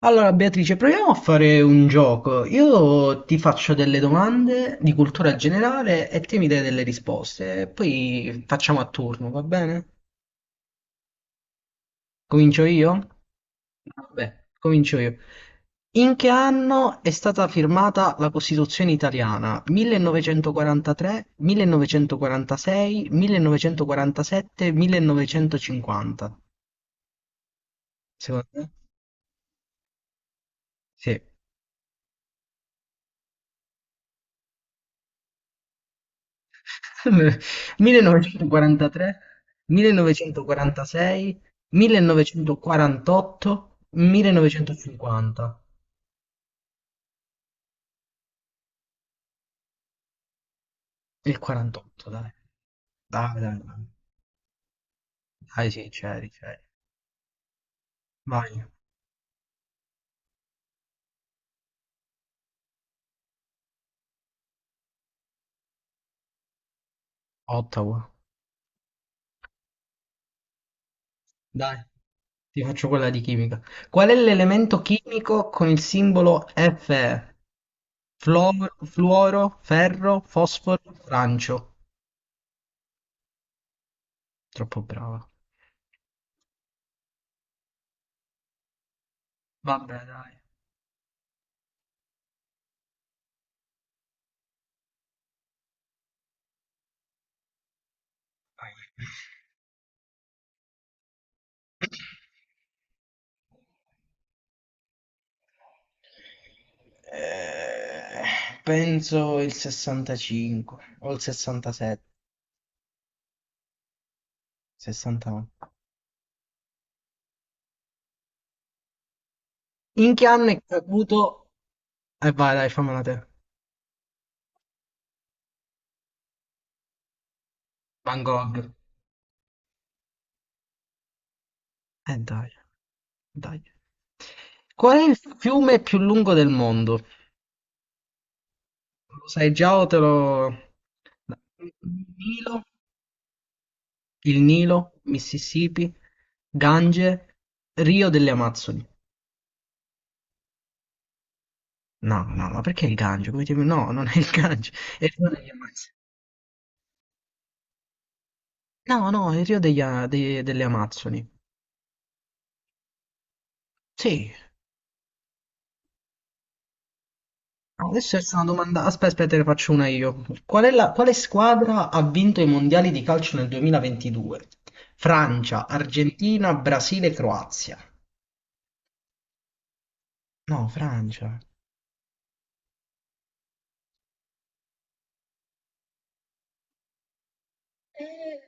Allora, Beatrice, proviamo a fare un gioco. Io ti faccio delle domande di cultura generale e te mi dai delle risposte. E poi facciamo a turno, va bene? Comincio io? Vabbè, comincio io. In che anno è stata firmata la Costituzione italiana? 1943, 1946, 1947, 1950. Secondo te? Sì. 1943, 1946, 1948, 1950. Il 48, dai. Dai, dai, dai. Dai, sì, c'eri, c'eri. Vai, Ottawa. Dai, ti faccio quella di chimica. Qual è l'elemento chimico con il simbolo Fe? Fluoro, ferro, fosforo, francio. Troppo brava. Vabbè, dai. Vai. Penso il 65 o il 67, 69. In che anno è caduto? E vai, dai, fammela te. Van Gogh. Dai, dai. Qual è il fiume più lungo del mondo? Lo sai già o te lo. Il Nilo, Mississippi, Gange, Rio delle Amazzoni. No, no, ma perché il Gange? No, non è il Gange, è il Rio delle Amazzoni. No, no, il Rio delle Amazzoni. Sì, no, adesso è una domanda. Aspetta, aspetta, te ne faccio una io. Quale squadra ha vinto i mondiali di calcio nel 2022? Francia, Argentina, Brasile, Croazia. No, Francia. Eh,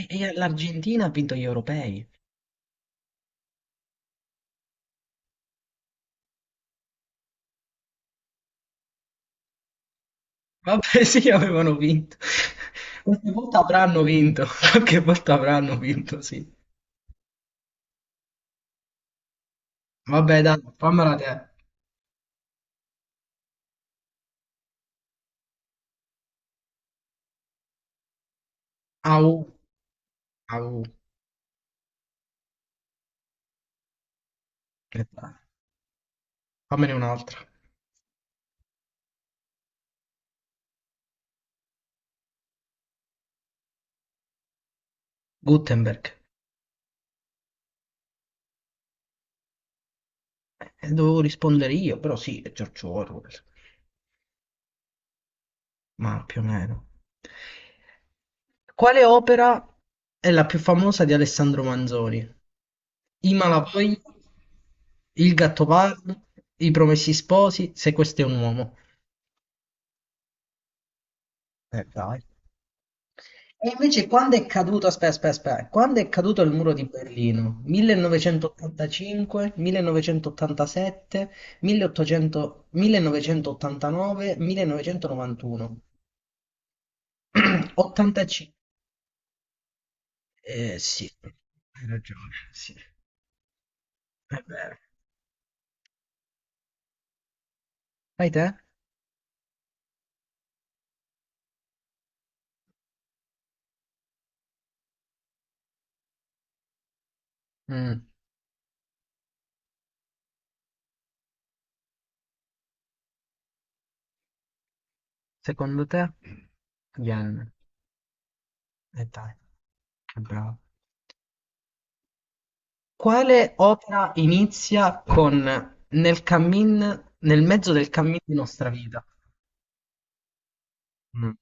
e l'Argentina ha vinto gli europei. Vabbè, sì, avevano vinto. Qualche volta avranno vinto. Qualche volta avranno vinto, sì. Vabbè, dai, fammela te. Au, au. Aspetta, fammene un'altra. Gutenberg. Dovevo rispondere io, però sì, è George Orwell, ma più o meno. Quale opera è la più famosa di Alessandro Manzoni? I Malavoglia, Il Gattopardo, I Promessi Sposi, Se questo è un uomo. Dai. E invece quando è caduto, aspetta, aspetta, aspetta, quando è caduto il muro di Berlino? 1985, 1987, 1800, 1989, 1991, 85, sì, hai ragione, sì, è vero. Fai te? Mm, Secondo te? Yen. E dai, che bravo. Quale opera inizia con nel cammin, nel mezzo del cammin di nostra vita? Mm,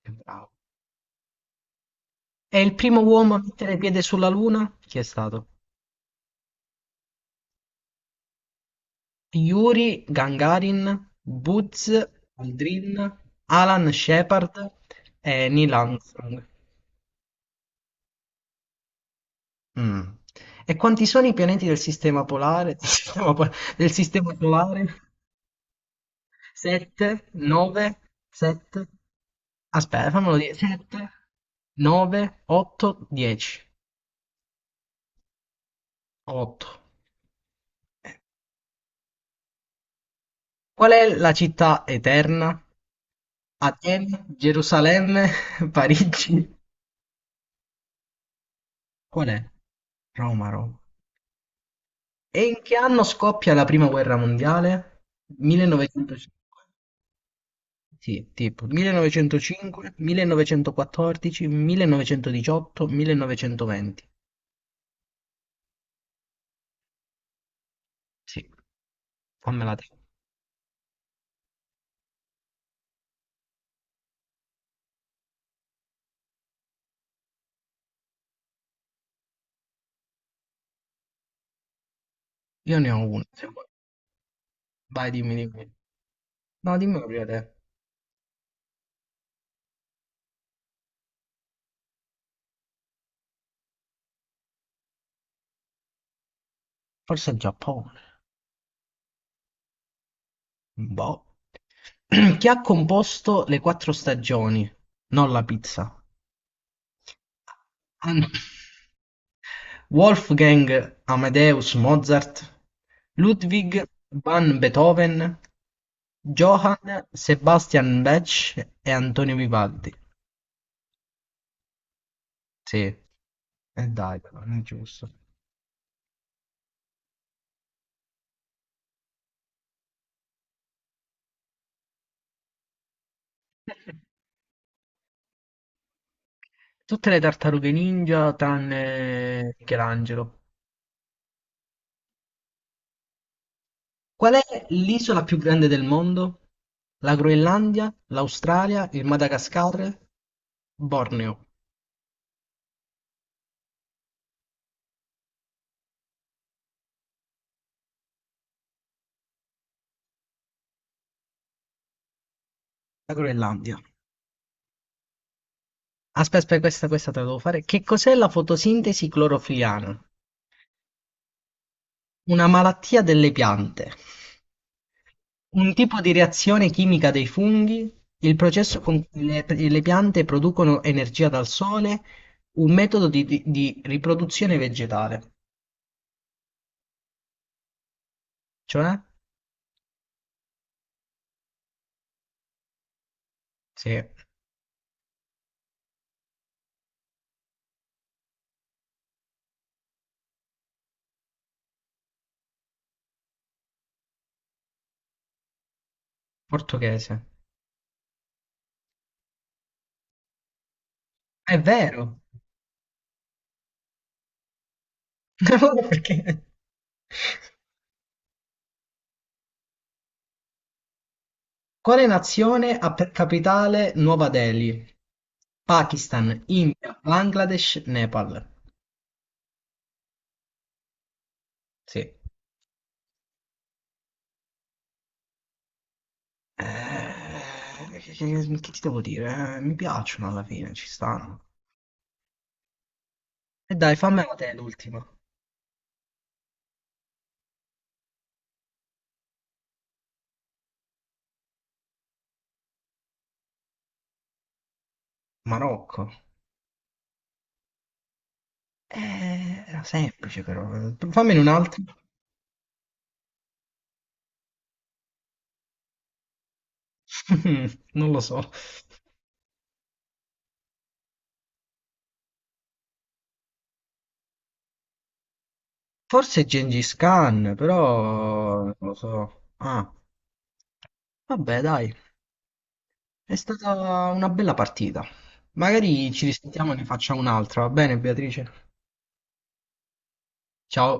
Che bravo. È il primo uomo a mettere piede sulla Luna? Chi è stato? Yuri Gagarin, Buzz Aldrin, Alan Shepard e Neil Armstrong. Mh. E quanti sono i pianeti del sistema polare del sistema solare? 7, 9, 7, aspe fammelo dire, 7, 9, 8, 10, 8. Qual è la città eterna? Atene, Gerusalemme, Parigi. Qual è? Roma, Roma. E in che anno scoppia la prima guerra mondiale? 1905. Sì, tipo 1905, 1914, 1918, 1920. Sì, fammela te. Io ne ho una, se vuoi. Vai, dimmi, dimmi. No, dimmela prima te. Forse il Giappone. Boh. Chi ha composto le quattro stagioni? Non la pizza. An- Wolfgang Amadeus Mozart, Ludwig van Beethoven, Johann Sebastian Bach e Antonio Vivaldi. Sì. E dai, però, non è giusto. Tutte le tartarughe ninja tranne Michelangelo. Qual è l'isola più grande del mondo? La Groenlandia, l'Australia, il Madagascar, Borneo. La Groenlandia. Aspetta, aspetta, questa te la devo fare. Che cos'è la fotosintesi clorofiliana? Una malattia delle piante. Un tipo di reazione chimica dei funghi, il processo con cui le piante producono energia dal sole, un metodo di riproduzione vegetale. Cioè? Sì, portoghese. È vero! Perché? Quale nazione ha per capitale Nuova Delhi? Pakistan, India, Bangladesh, Nepal. Sì. Che ti devo dire? Mi piacciono alla fine, ci stanno. E dai, fammela te l'ultima. Marocco. Era semplice però. Fammene un altro. Non lo so. Forse Gengis Khan, però non lo so. Ah, vabbè, dai. È stata una bella partita. Magari ci risentiamo e ne facciamo un'altra, va bene, Beatrice? Ciao.